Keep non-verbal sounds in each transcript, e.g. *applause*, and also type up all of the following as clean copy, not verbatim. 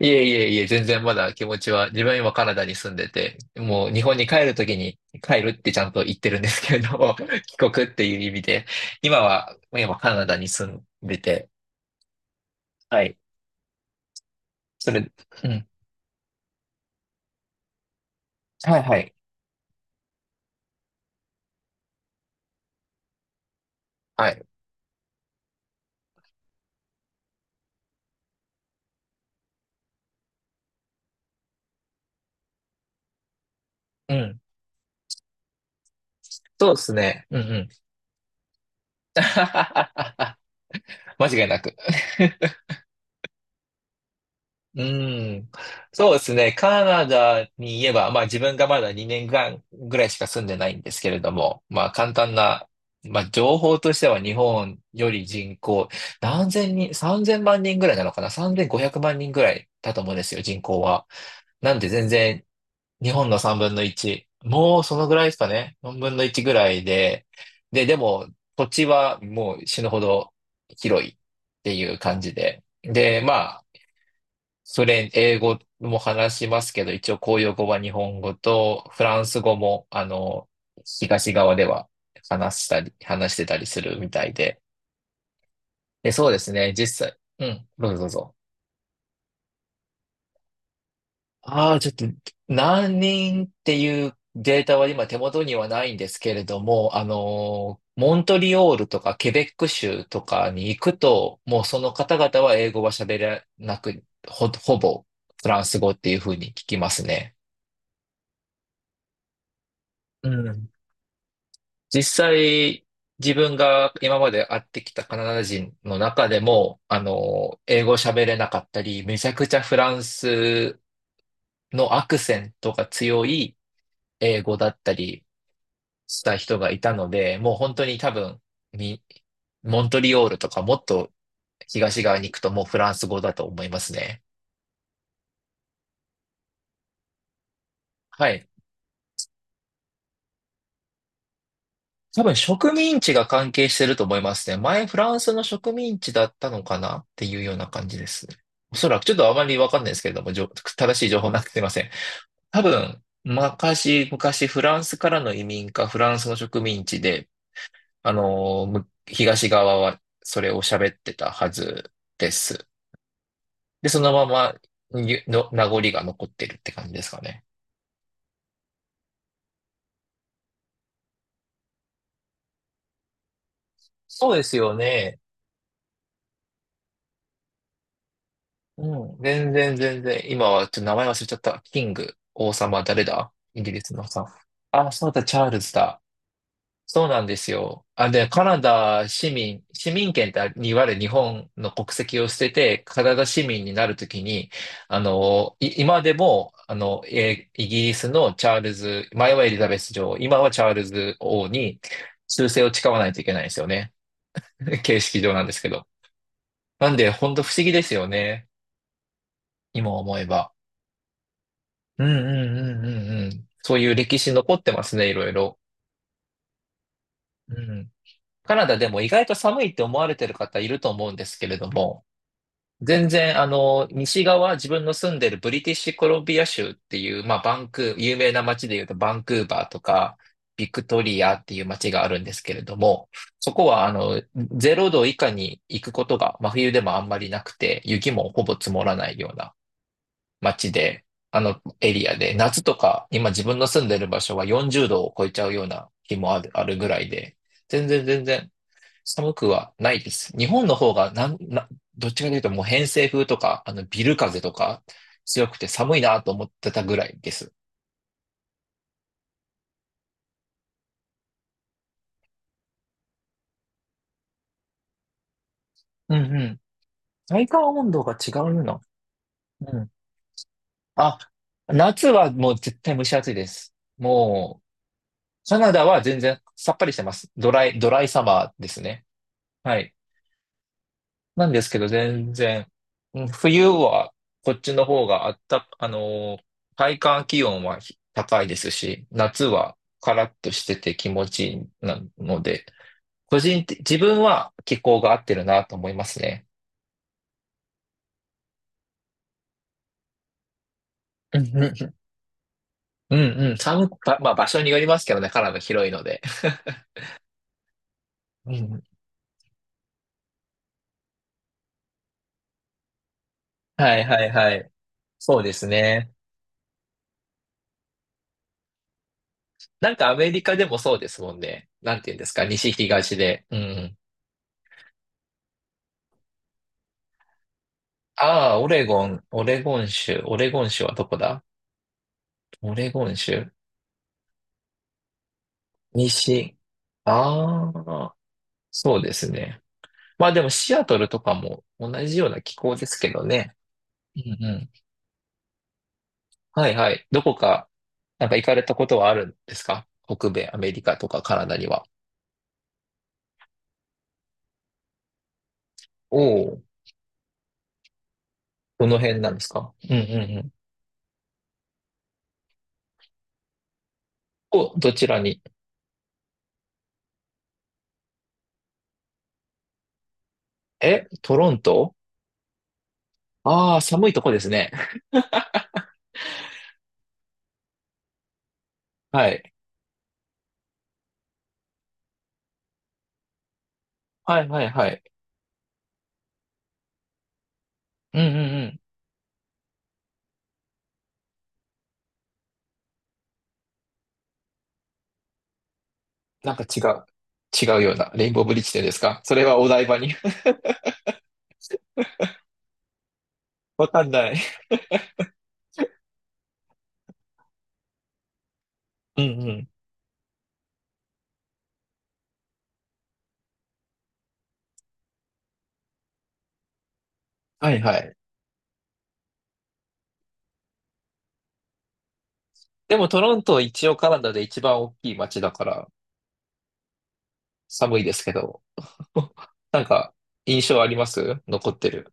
いえいえいえ、全然まだ気持ちは、自分は今カナダに住んでて、もう日本に帰るときに帰るってちゃんと言ってるんですけれども、*laughs* 帰国っていう意味で、今カナダに住んでて、はい。それ、うん。はいはい。はい。うん。そうですね。うんうん。*laughs* 間違いなく。 *laughs* うん。そうですね。カナダに言えば、まあ自分がまだ2年間ぐらいしか住んでないんですけれども、まあ簡単な、まあ情報としては日本より人口、何千人、3000万人ぐらいなのかな？ 3500 万人ぐらいだと思うんですよ、人口は。なんで全然日本の3分の1。もうそのぐらいですかね。4分の1ぐらいで。でも土地はもう死ぬほど広いっていう感じで。で、まあ、英語も話しますけど、一応公用語は日本語と、フランス語も、東側では話したり、話してたりするみたいで。で、そうですね、実際、うん、どうぞどうぞ。ああ、ちょっと、何人っていうデータは今手元にはないんですけれども、モントリオールとかケベック州とかに行くと、もうその方々は英語は喋れなく、ほぼフランス語っていうふうに聞きますね。うん、実際、自分が今まで会ってきたカナダ人の中でも、英語喋れなかったり、めちゃくちゃフランスのアクセントが強い英語だったりした人がいたので、もう本当に多分、みモントリオールとかもっと東側に行くともうフランス語だと思いますね。はい。多分植民地が関係してると思いますね。前フランスの植民地だったのかなっていうような感じですね。おそらくちょっとあまりわかんないですけれども、正しい情報なくてすいません。多分、昔フランスからの移民かフランスの植民地で、東側はそれを喋ってたはずです。で、そのまま名残が残ってるって感じですかね。そうですよね。うん、全然全然。今はちょっと名前忘れちゃった。キング、王様誰だイギリスのさ。あ、そうだ、チャールズだ。そうなんですよ。あ、で、カナダ市民、市民権っていわゆる日本の国籍を捨てて、カナダ市民になるときに、今でも、イギリスのチャールズ、前はエリザベス女王、今はチャールズ王に忠誠を誓わないといけないんですよね。*laughs* 形式上なんですけど。なんで、ほんと不思議ですよね。今思えば。うんうんうんうんうん。そういう歴史残ってますね、いろいろ。うん。カナダでも意外と寒いって思われてる方いると思うんですけれども、全然西側、自分の住んでるブリティッシュコロンビア州っていう、まあバンクー、有名な街で言うとバンクーバーとか、ビクトリアっていう街があるんですけれども、そこはあの、ゼロ度以下に行くことが真冬でもあんまりなくて、雪もほぼ積もらないような街で、あのエリアで、夏とか、今自分の住んでる場所は40度を超えちゃうような日もあるぐらいで、全然全然寒くはないです。日本の方がなん、な、どっちかというともう偏西風とか、あのビル風とか強くて寒いなと思ってたぐらいです。うんうん。体感温度が違うの、うん。あ、夏はもう絶対蒸し暑いです。もう、カナダは全然さっぱりしてます。ドライサマーですね。はい。なんですけど、全然、うん冬はこっちの方があった、体感気温は高いですし、夏はカラッとしてて気持ちいいなので、個人的、自分は気候が合ってるなと思いますね。うんうんうん、うんうん寒く、ばまあ場所によりますけどね、カナダ広いので。うん、はいはいはい。そうですね。なんかアメリカでもそうですもんね。なんて言うんですか、西東で。うん、ああ、オレゴン州はどこだ、オレゴン州、西。ああ、そうですね。まあでもシアトルとかも同じような気候ですけどね。うんうん。はいはい。どこか、なんか行かれたことはあるんですか北米、アメリカとかカナダには。おお、どの辺なんですか、うんうんうん。お、どちらに。え、トロント。ああー、寒いとこですね。*laughs* はい。はいはいはい。うんうん、なんか違う。違うような。レインボーブリッジでですかそれは、お台場に。 *laughs* わかんない。うんうん。はいはい。でもトロント一応カナダで一番大きい街だから寒いですけど。*laughs* なんか印象あります、残ってる。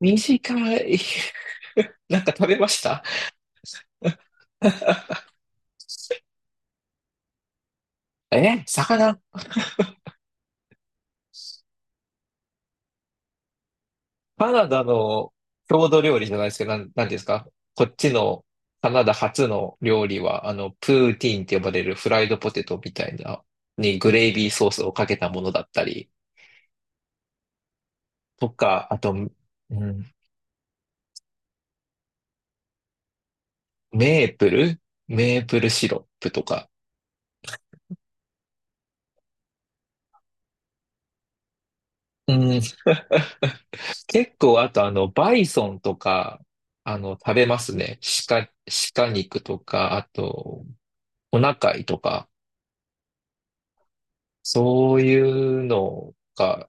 短い。*laughs* なんか食べました？ *laughs* え、魚？カナダの郷土料理じゃないですけど、なんていうんですか、こっちのカナダ初の料理は、プーティーンって呼ばれるフライドポテトみたいな、にグレイビーソースをかけたものだったり、とか、あと、うん、メープルメープルシロップとか。うん、結構、あと、バイソンとか、食べますね。鹿、鹿肉とか、あと、お腹いとか、そういうのが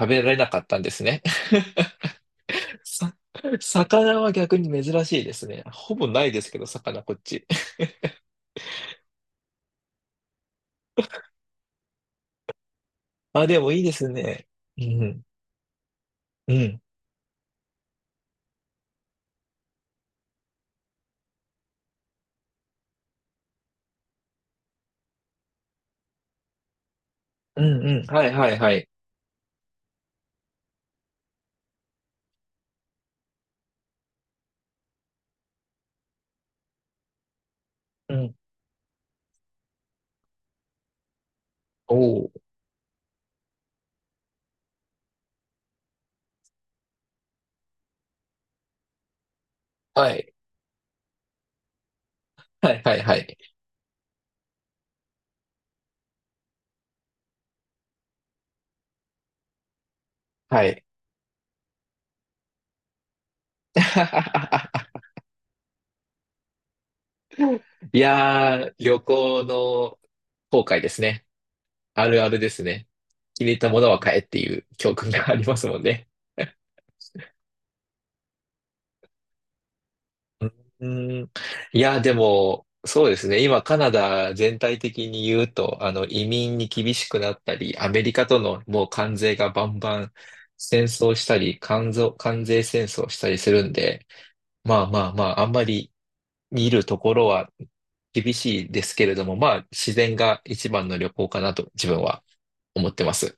食べられなかったんですね。さ、魚は逆に珍しいですね。ほぼないですけど、魚こっち。あ、でもいいですね。うん。うん。うんうん。はいはいはい。うん。おお。はい。はいはいはい。はい。*laughs* いやー、旅行の後悔ですね。あるあるですね。気に入ったものは買えっていう教訓がありますもんね。うーん。いや、でも、そうですね。今、カナダ全体的に言うと、移民に厳しくなったり、アメリカとのもう関税がバンバン戦争したり、関税戦争したりするんで、まあまあまあ、あんまり見るところは厳しいですけれども、まあ、自然が一番の旅行かなと自分は思ってます。